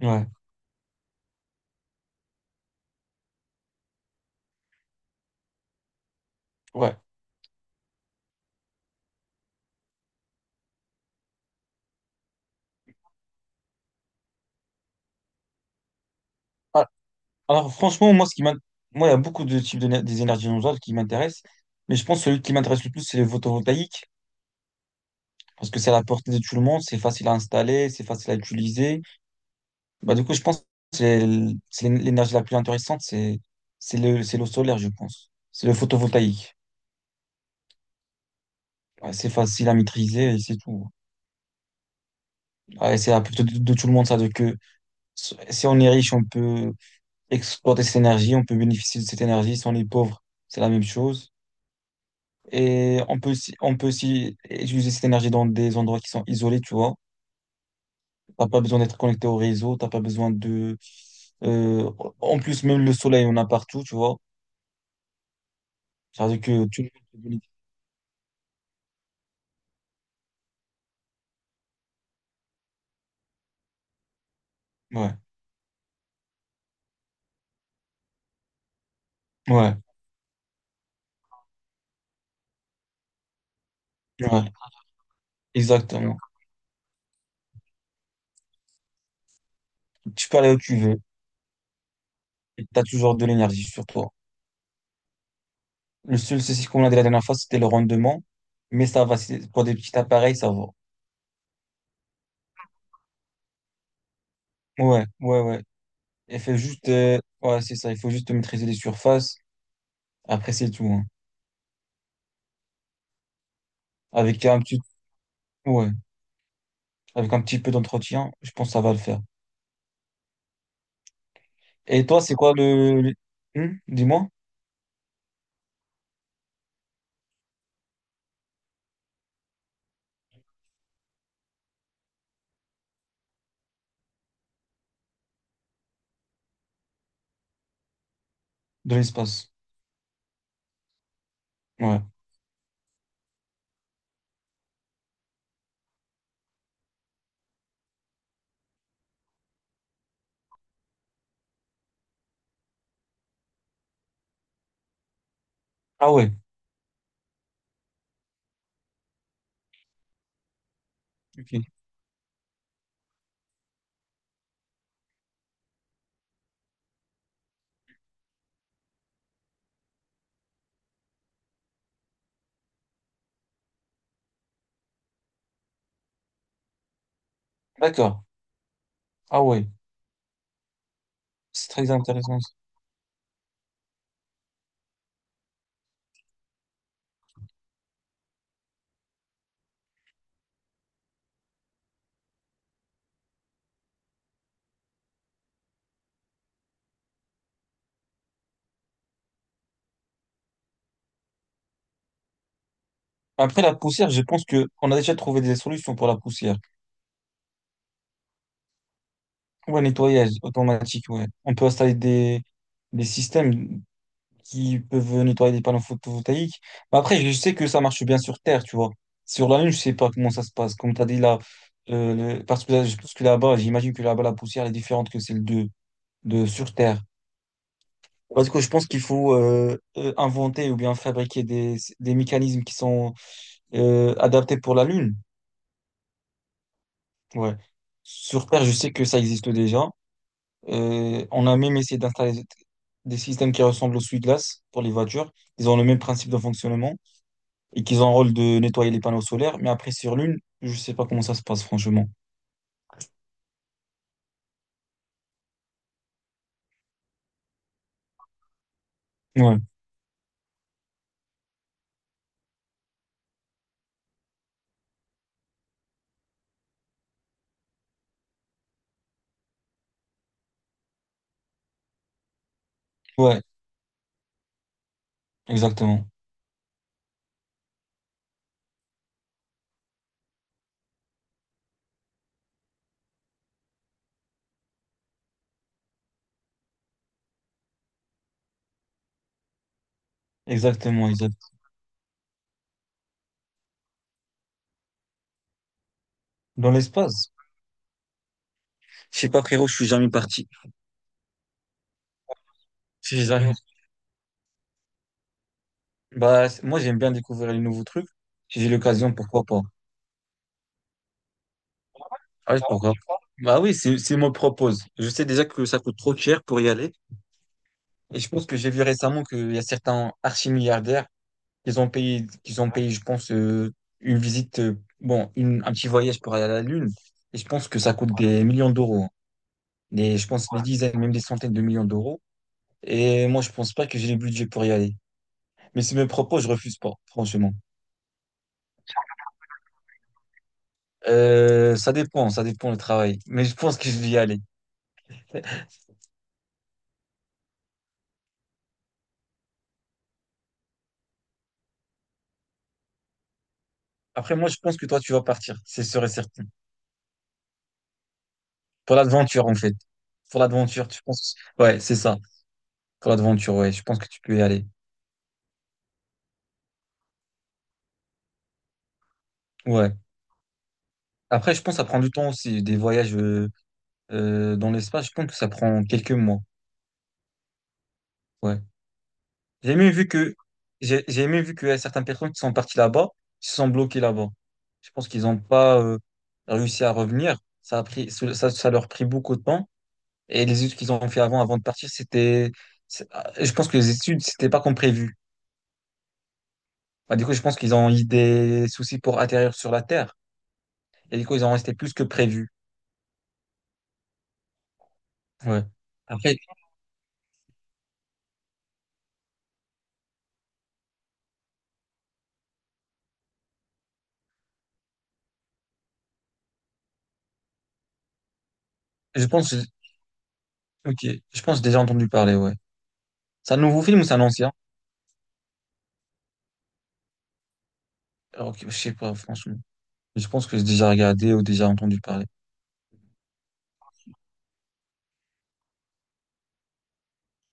Ouais, ouais. Ah, Alors, franchement, moi, moi, il y a beaucoup de des énergies renouvelables qui m'intéressent, mais je pense que celui qui m'intéresse le plus, c'est le photovoltaïque, parce que c'est à la portée de tout le monde, c'est facile à installer, c'est facile à utiliser. Du coup, je pense que c'est l- c'est l'é- l'énergie la plus intéressante, c'est l'eau solaire, je pense. C'est le photovoltaïque. Ouais, c'est facile à maîtriser et c'est tout. Ouais, c'est à la portée de tout le monde, ça, si on est riche, on peut exploiter cette énergie, on peut bénéficier de cette énergie. Si on est pauvre, c'est la même chose. Et on peut aussi utiliser cette énergie dans des endroits qui sont isolés, tu vois. T'as pas besoin d'être connecté au réseau, t'as pas besoin de... euh, en plus, même le soleil, on a partout, tu vois. C'est-à-dire que tu... Ouais, ouais, ouais, exactement. Tu peux aller où tu veux, et t'as toujours de l'énergie sur toi. Le seul souci qu'on a de la dernière fois, c'était le rendement, mais ça va, pour des petits appareils, ça va. Ouais, ouais, ouais. C'est ça, il faut juste maîtriser les surfaces. Après, c'est tout, hein. Avec un petit... Ouais. Avec un petit peu d'entretien, je pense que ça va le faire. Et toi, c'est quoi le- Hmm dis-moi. De l'espace. Ouais. Ah ouais. Ok. D'accord. Ah ouais. C'est très intéressant, ça. Après, la poussière, je pense que on a déjà trouvé des solutions pour la poussière. Ouais, nettoyage automatique, ouais. On peut installer des systèmes qui peuvent nettoyer des panneaux photovoltaïques. Mais après, je sais que ça marche bien sur Terre, tu vois. Sur la Lune, je sais pas comment ça se passe. Comme tu as dit là, parce que là, je pense que là-bas, j'imagine que là-bas, la poussière elle est différente que celle de sur Terre. Parce que je pense qu'il faut inventer ou bien fabriquer des mécanismes qui sont adaptés pour la Lune. Ouais. Sur Terre, je sais que ça existe déjà. On a même essayé d'installer des systèmes qui ressemblent aux essuie-glace pour les voitures. Ils ont le même principe de fonctionnement et qu'ils ont un rôle de nettoyer les panneaux solaires. Mais après, sur Lune, je sais pas comment ça se passe, franchement. Ouais, ouais, exactement. Exactement, exact. Dans l'espace. Je sais pas, frérot, je suis jamais parti. Je suis jamais Bah, moi, j'aime bien découvrir les nouveaux trucs. Si j'ai l'occasion, pourquoi pas? Ah, Ah, pourquoi tu Bah oui, si on me le propose. Je sais déjà que ça coûte trop cher pour y aller. Et je pense que j'ai vu récemment qu'il y a certains archi-milliardaires qu'ils ont payé, je pense, une visite, un petit voyage pour aller à la Lune. Et je pense que ça coûte des millions d'euros, hein. Des, je pense des dizaines, même des centaines de millions d'euros. Et moi, je pense pas que j'ai le budget pour y aller. Mais si me le propose, je refuse pas, franchement. Ça dépend, ça dépend le travail. Mais je pense que je vais y aller. Après, moi, je pense que toi, tu vas partir. C'est sûr et certain. Pour l'aventure, en fait. Pour l'aventure, tu penses. Ouais, c'est ça. Pour l'aventure, ouais. Je pense que tu peux y aller. Ouais. Après, je pense que ça prend du temps aussi. Des voyages dans l'espace, je pense que ça prend quelques mois. Ouais. J'ai même vu que, j'ai même vu qu'il y a certaines personnes qui sont parties là-bas, qui se sont bloquées là-bas. Je pense qu'ils n'ont pas réussi à revenir. Ça leur a pris beaucoup de temps. Et les études qu'ils ont fait avant, avant de partir, je pense que les études, c'était pas comme prévu. Bah, du coup, je pense qu'ils ont eu des soucis pour atterrir sur la Terre. Et du coup, ils ont resté plus que prévu. Ouais. Après, je pense, ok, je pense que j'ai déjà entendu parler, ouais. C'est un nouveau film ou c'est un ancien? Alors, ok, je sais pas, franchement. Je pense que j'ai déjà regardé ou déjà entendu parler.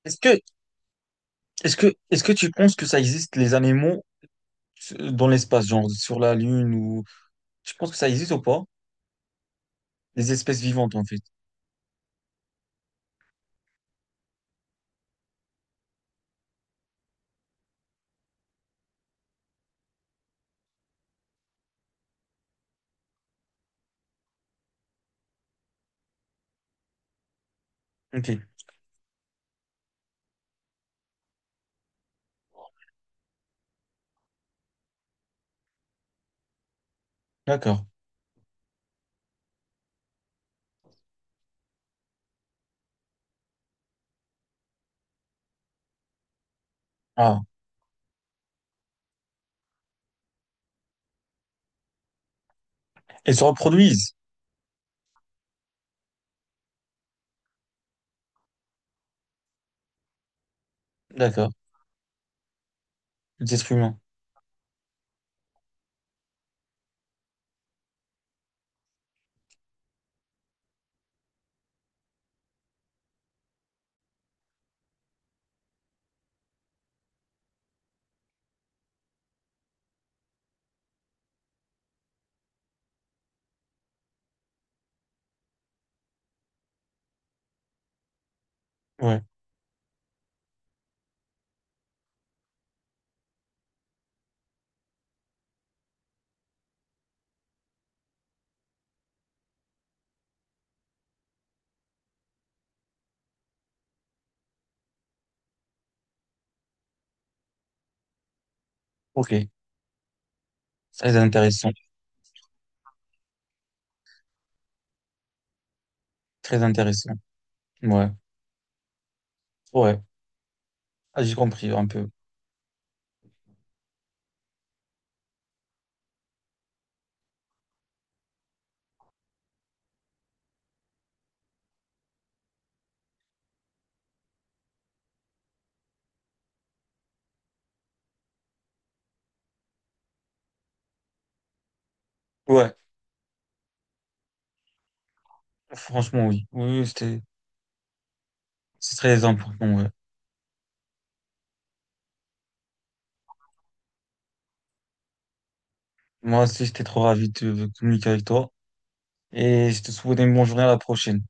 Est-ce que, est-ce que tu penses que ça existe, les animaux dans l'espace, genre sur la Lune ou, tu penses que ça existe ou pas? Les espèces vivantes, en fait. Ok, d'accord. Ah. Elles se reproduisent. D'accord. Les êtres humains. Ouais. Ok. Très intéressant. Très intéressant. Ouais, ouais. Ah, j'ai compris un peu. Ouais, franchement, oui. Oui, c'est très important, ouais. Moi aussi, j'étais trop ravi de communiquer avec toi. Et je te souhaite une bonne journée à la prochaine.